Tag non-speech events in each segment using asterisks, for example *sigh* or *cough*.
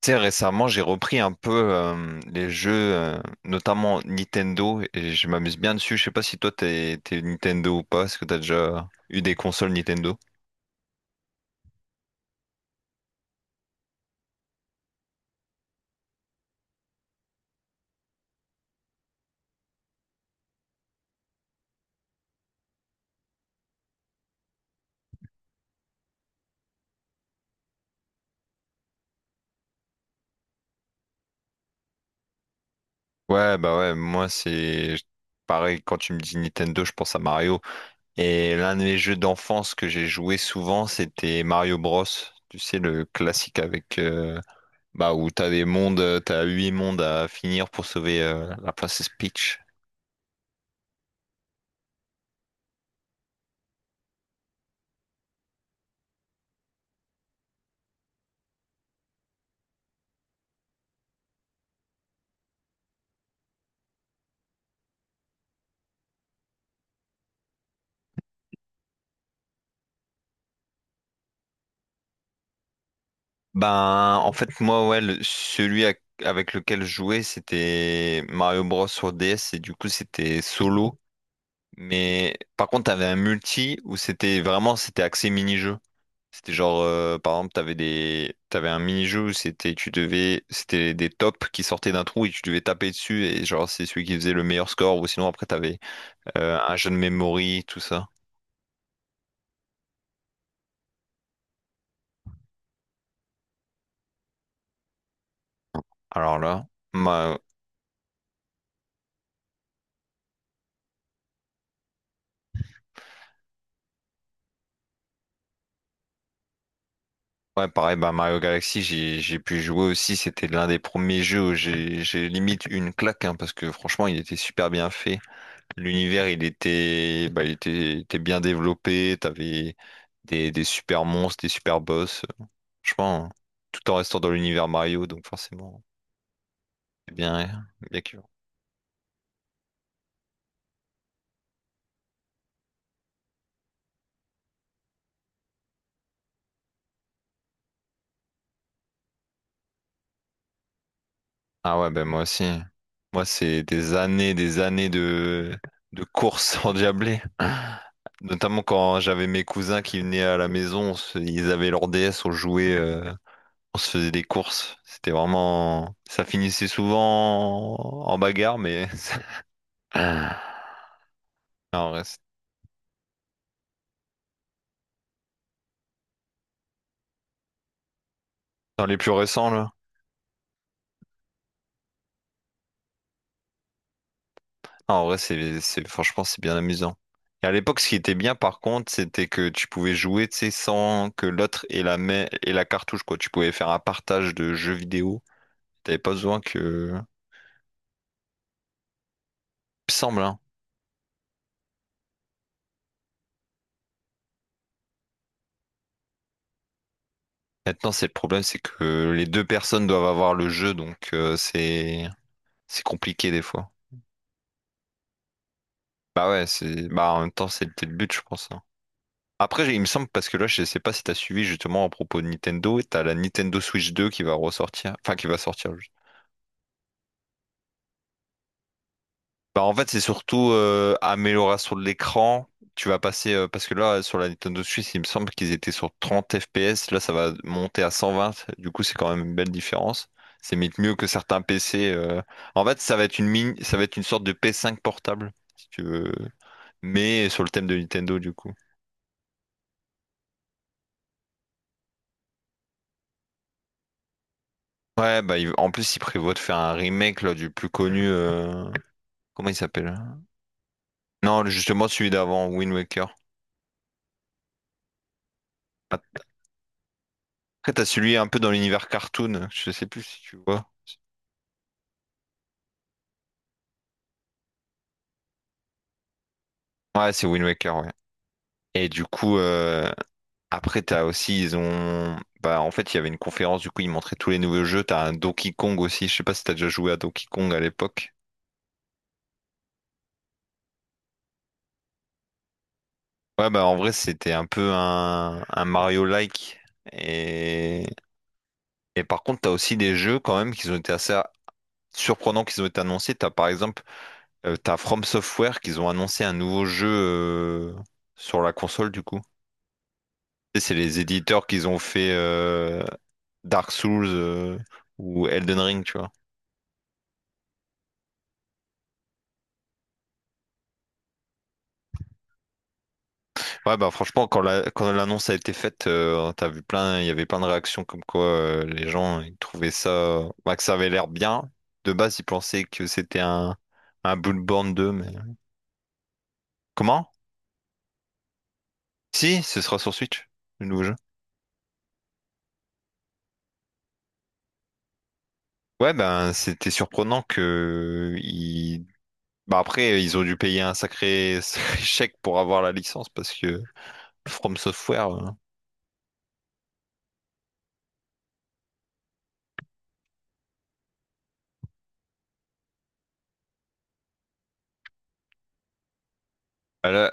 Tu sais, récemment, j'ai repris un peu les jeux, notamment Nintendo, et je m'amuse bien dessus. Je sais pas si toi, t'es Nintendo ou pas. Est-ce que t'as déjà eu des consoles Nintendo? Ouais, bah ouais, moi, c'est pareil. Quand tu me dis Nintendo, je pense à Mario. Et l'un des jeux d'enfance que j'ai joué souvent, c'était Mario Bros. Tu sais, le classique avec bah, où t'as des mondes, t'as huit mondes à finir pour sauver la princesse Peach. Ben, en fait, moi, ouais, celui avec lequel je jouais, c'était Mario Bros sur DS, et du coup c'était solo. Mais par contre, t'avais un multi où c'était axé mini-jeu. C'était genre, par exemple, t'avais un mini-jeu où c'était des tops qui sortaient d'un trou et tu devais taper dessus, et genre, c'est celui qui faisait le meilleur score. Ou sinon après, t'avais un jeu de memory, tout ça. Alors là, ma- ouais, pareil, bah, Mario Galaxy, j'ai pu jouer aussi. C'était l'un des premiers jeux où j'ai limite eu une claque, hein, parce que franchement, il était super bien fait. L'univers, il était bien développé. T'avais des super monstres, des super boss. Je pense, hein, tout en restant dans l'univers Mario, donc forcément, c'est bien, bien que. Ah ouais, ben moi aussi. Moi, c'est des années de courses *laughs* endiablées. Notamment quand j'avais mes cousins qui venaient à la maison, ils avaient leur DS, on jouait, on se faisait des courses. C'était vraiment... Ça finissait souvent en bagarre, mais... *laughs* Ah, en reste- dans les plus récents, là. Ah, en vrai, franchement, c'est bien amusant. Et à l'époque, ce qui était bien, par contre, c'était que tu pouvais jouer, tu sais, sans que l'autre ait la main et la cartouche, quoi. Tu pouvais faire un partage de jeux vidéo. T'avais pas besoin que... Il me semble, hein. Maintenant, c'est le problème, c'est que les deux personnes doivent avoir le jeu, donc c'est compliqué des fois. Bah ouais, c'est bah, en même temps, c'était le but, je pense, hein. Après, il me semble, parce que là, je sais pas si t'as suivi, justement, à propos de Nintendo, t'as la Nintendo Switch 2 qui va ressortir, enfin qui va sortir. Bah en fait, c'est surtout amélioration de l'écran. Tu vas passer, parce que là, sur la Nintendo Switch, il me semble qu'ils étaient sur 30 FPS. Là, ça va monter à 120. Du coup, c'est quand même une belle différence. C'est limite mieux que certains PC. En fait, ça va être une sorte de p 5 portable, si tu veux. Mais sur le thème de Nintendo, du coup. Ouais, bah, en plus, il prévoit de faire un remake là, du plus connu. Comment il s'appelle? Non, justement, celui d'avant, Wind Waker. Après, t'as celui un peu dans l'univers cartoon. Je sais plus si tu vois. Ouais, c'est Wind Waker, ouais. Et du coup, après, t'as aussi, ils ont... bah, en fait, il y avait une conférence, du coup, ils montraient tous les nouveaux jeux. T'as un Donkey Kong aussi, je sais pas si t'as déjà joué à Donkey Kong à l'époque. Ouais, bah, en vrai, c'était un peu un Mario-like. Et... et par contre, t'as aussi des jeux, quand même, qui ont été assez surprenants, qui ont été annoncés. T'as, par exemple, t'as From Software, qui ont annoncé un nouveau jeu, sur la console, du coup. C'est les éditeurs qu'ils ont fait, Dark Souls, ou Elden Ring, tu vois. Ouais, bah franchement, quand l'annonce a été faite, il y avait plein de réactions comme quoi, les gens ils trouvaient ça, bah, que ça avait l'air bien. De base, ils pensaient que c'était un Bloodborne deux, mais comment? Si, ce sera sur Switch, le nouveau jeu. Ouais, ben c'était surprenant bah, après, ils ont dû payer un sacré, *laughs* sacré chèque pour avoir la licence parce que From Software. Voilà.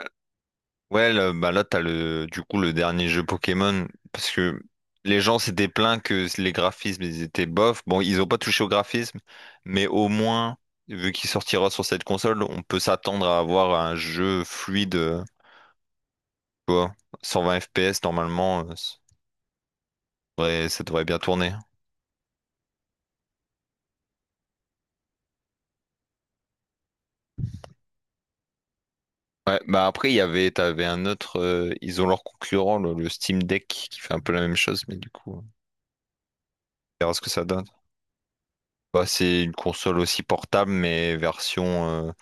Ouais, là, bah là, t'as le, du coup, le dernier jeu Pokémon, parce que les gens s'étaient plaints que les graphismes, ils étaient bof. Bon, ils ont pas touché au graphisme, mais au moins, vu qu'il sortira sur cette console, on peut s'attendre à avoir un jeu fluide, tu vois, 120 FPS, normalement, ça devrait bien tourner. Ouais, bah après, t'avais un autre, ils ont leur concurrent, le Steam Deck, qui fait un peu la même chose, mais du coup, on verra ce que ça donne. Bah, c'est une console aussi portable, mais version...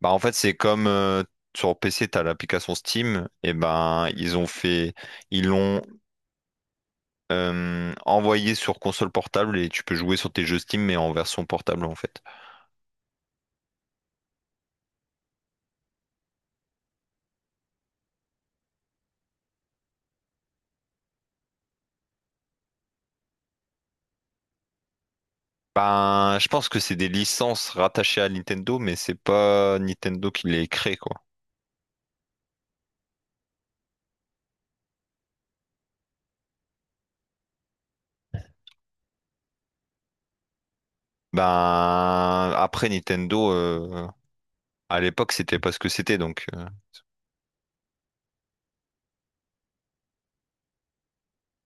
Bah en fait, c'est comme sur PC t'as l'application Steam, et ben ils ont fait ils l'ont envoyé sur console portable, et tu peux jouer sur tes jeux Steam mais en version portable, en fait. Ben je pense que c'est des licences rattachées à Nintendo, mais c'est pas Nintendo qui les crée, quoi. Ben après, Nintendo à l'époque c'était pas ce que c'était, donc.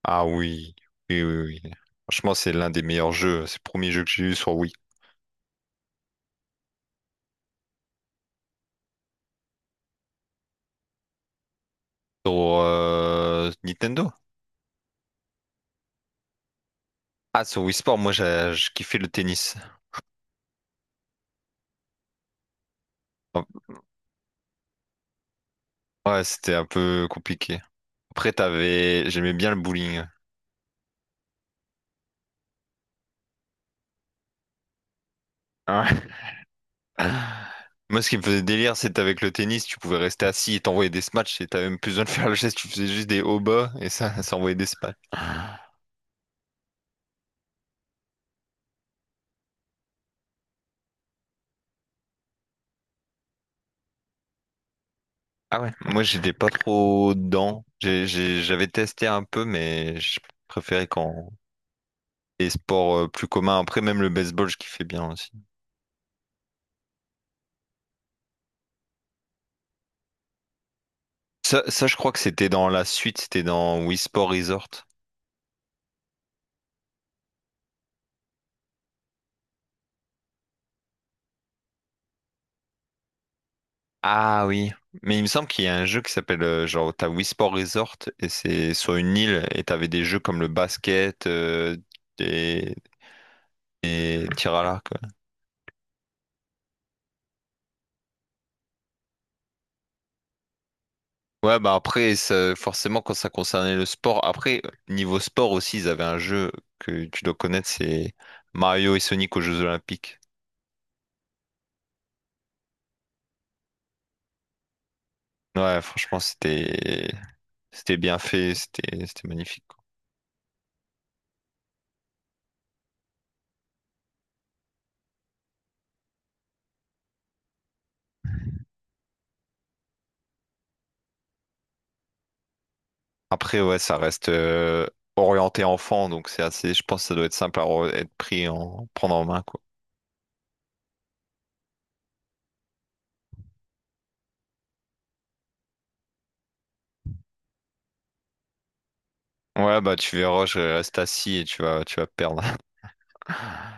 Ah oui, oui, oui, oui. Franchement, c'est l'un des meilleurs jeux. C'est le premier jeu que j'ai eu sur Wii. Sur Nintendo? Ah, sur Wii Sport, moi, j'ai je kiffais le tennis. Oh, ouais, c'était un peu compliqué. Après, t'avais... J'aimais bien le bowling. Ouais. *laughs* Moi, ce qui me faisait délire, c'est avec le tennis, tu pouvais rester assis et t'envoyer des smatchs, et t'avais même plus besoin de faire le geste, tu faisais juste des hauts bas et ça, *laughs* ça envoyait des smatchs. Ah ouais. Moi, j'étais pas trop dedans. J'avais testé un peu, mais je préférais quand les sports plus communs. Après, même le baseball, je kiffais bien aussi. Ça, je crois que c'était dans la suite, c'était dans Wii Sport Resort. Ah oui. Mais il me semble qu'il y a un jeu qui s'appelle, genre, t'as Wii Sport Resort et c'est sur une île, et t'avais des jeux comme le basket, des, des tirs à l'arc. Ouais. Ouais, bah après, forcément, quand ça concernait le sport, après, niveau sport aussi, ils avaient un jeu que tu dois connaître, c'est Mario et Sonic aux Jeux Olympiques. Ouais, franchement, c'était bien fait, c'était magnifique, quoi. Après, ouais, ça reste orienté enfant, donc c'est assez. Je pense que ça doit être simple à re- être pris en prendre en main, quoi. Ouais, bah tu verras, je reste assis et tu vas perdre. *laughs*